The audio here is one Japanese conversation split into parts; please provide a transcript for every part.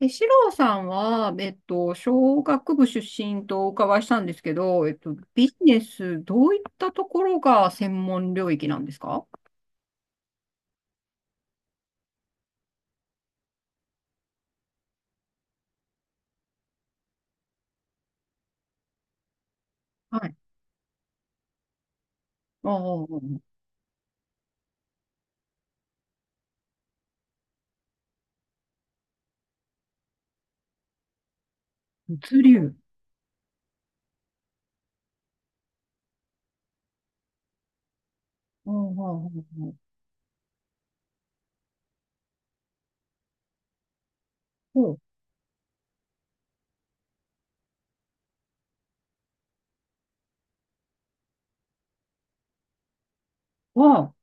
四郎さんは、商学部出身とお伺いしたんですけど、ビジネス、どういったところが専門領域なんですか？はい。ああ、物流。ああ、ほう。は、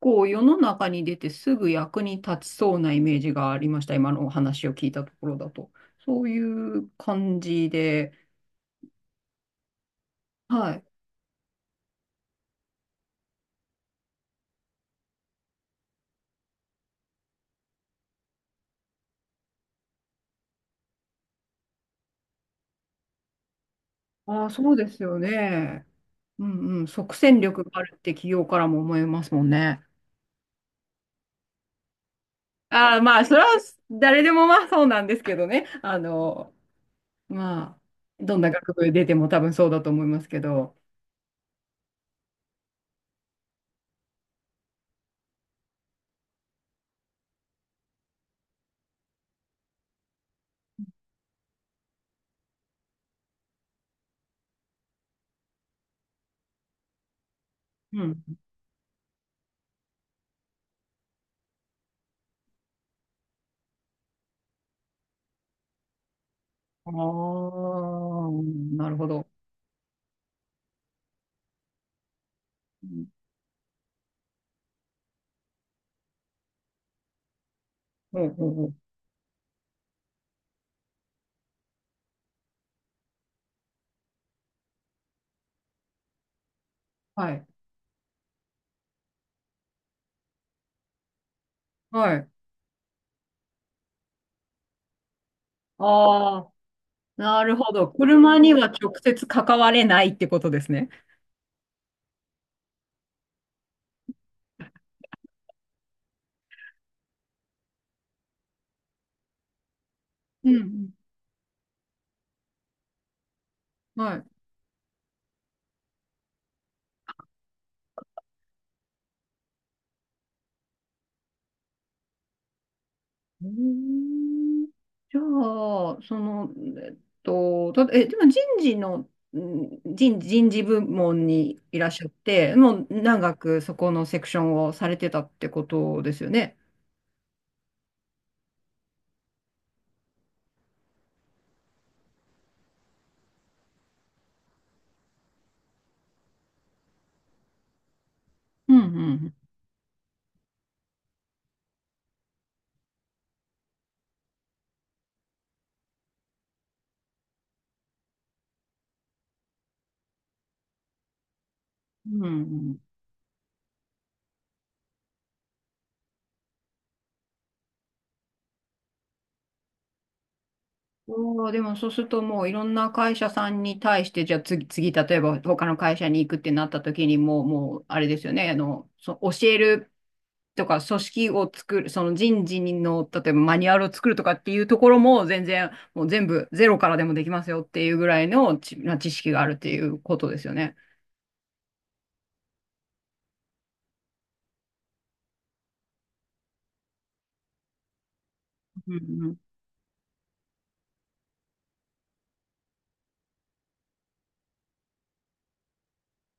こう、世の中に出てすぐ役に立ちそうなイメージがありました。今のお話を聞いたところだと。そういう感じで、はい。ああ、そうですよね。うんうん。即戦力があるって企業からも思いますもんね。ああ、まあ、それは誰でもまあそうなんですけどね。まあ、どんな学部出ても多分そうだと思いますけど。うん。ああ、なるほど。うん。ほうほうほう。はい。はい。ああ、なるほど。車には直接関われないってことですね。うんうん。はい。うーんじゃあ、えっでも人事の、人事部門にいらっしゃって、もう長くそこのセクションをされてたってことですよね。うん、うん、うん。うんうん。おー、でもそうするともういろんな会社さんに対して、じゃあ次、例えば他の会社に行くってなった時にもう、あれですよね、教えるとか組織を作る、その人事の、例えばマニュアルを作るとかっていうところも全然、もう全部ゼロからでもできますよっていうぐらいの知識があるっていうことですよね。うん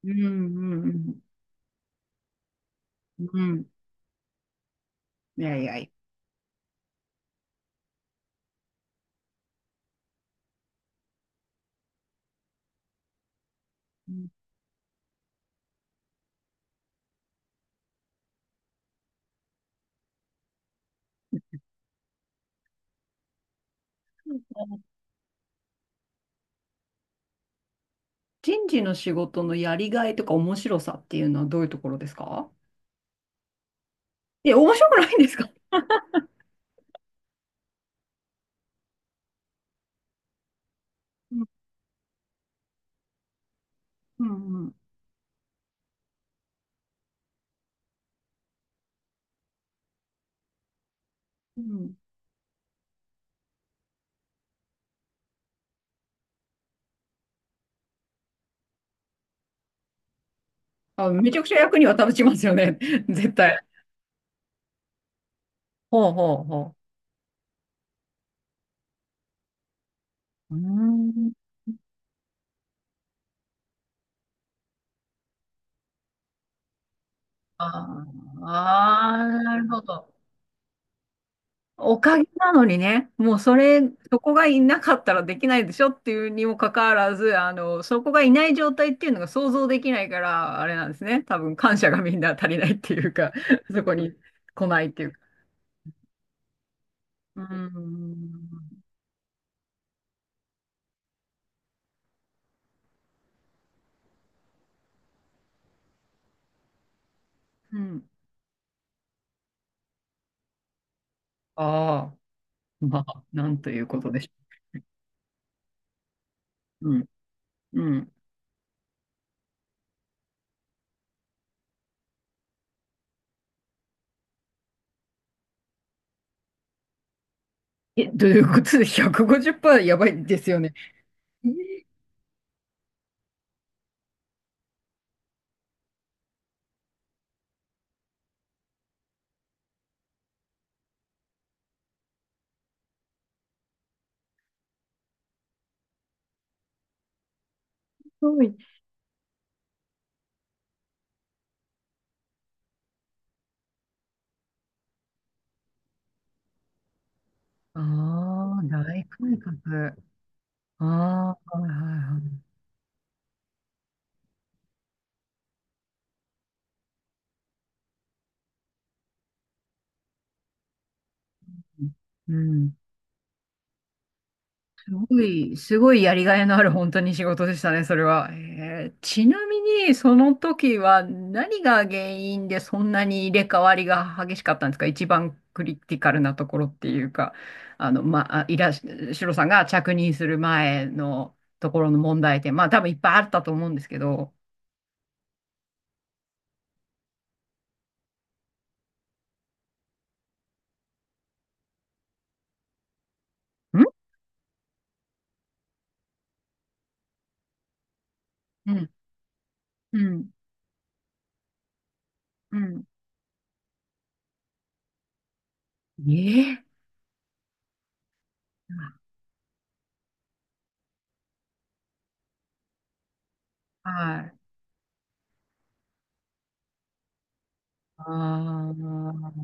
うん。うんうんうん。うん。いやいやいや。人事の仕事のやりがいとか面白さっていうのはどういうところですか？え、面白くないんですか？うんうんうんうん。あ、めちゃくちゃ役には立ちますよね。絶対。ほうほうほう。うーん。あーあー、なるほど。おかげなのにね、もうそれ、そこがいなかったらできないでしょっていうにもかかわらず、そこがいない状態っていうのが想像できないから、あれなんですね。多分感謝がみんな足りないっていうか、そこに来ないっていうか。うーん。うん。ああ、まあ、なんということでしょう。うん。うん。え、どういうことで150%やばいですよね？えーすごい。ああ、大改革。ああ、はいはいはい。うん。すごい、すごいやりがいのある本当に仕事でしたね、それは。ちなみに、その時は何が原因でそんなに入れ替わりが激しかったんですか？一番クリティカルなところっていうか、まあ、いらっし、シロさんが着任する前のところの問題点、まあ多分いっぱいあったと思うんですけど、んうん、うん、うん。ええ、はい。ああ。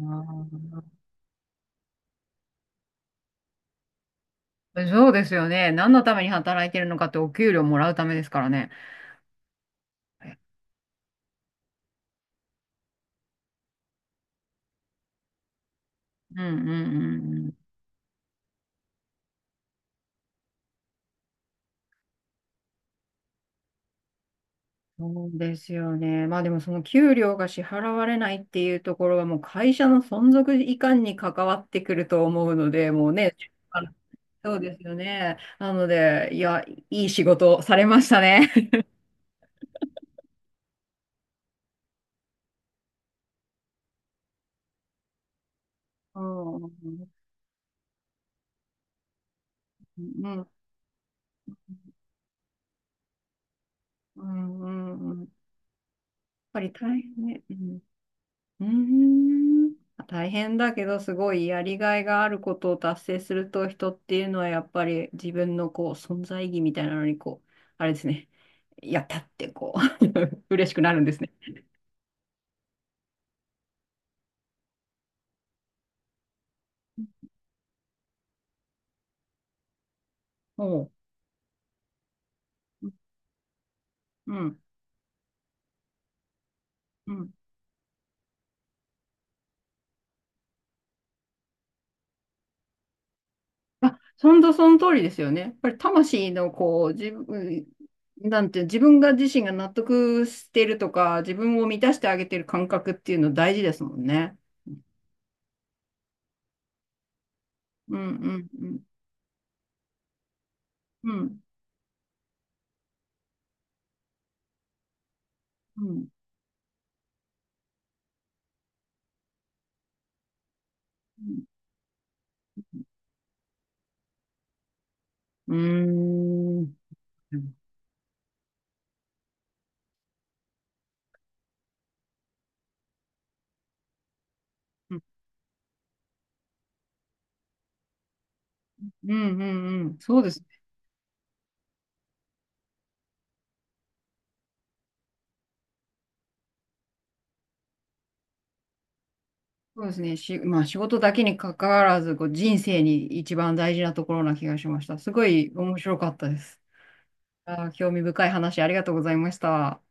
そうですよね。何のために働いてるのかってお給料もらうためですからね。うんうんうんうん。そうですよね。まあでもその給料が支払われないっていうところはもう会社の存続いかんに関わってくると思うので、もうね、あのそうですよね。なので、いや、いい仕事をされましたね。うんうんうんうんうん。やっぱり大変ね。うん。うーん。大変だけど、すごいやりがいがあることを達成すると、人っていうのはやっぱり自分のこう存在意義みたいなのに、こう、あれですね、やったってこう 嬉しくなるんですね。おう。うん。うん。あ、そんとその通りですよね。やっぱり魂のこう、自分、なんていう、自身が納得してるとか、自分を満たしてあげてる感覚っていうの大事ですもんね。うんうんうん。うん。うん。うーん。うんうんうんうん。そうですね。そうですね。まあ仕事だけに関わらず、こう人生に一番大事なところな気がしました。すごい面白かったです。あー、興味深い話ありがとうございました。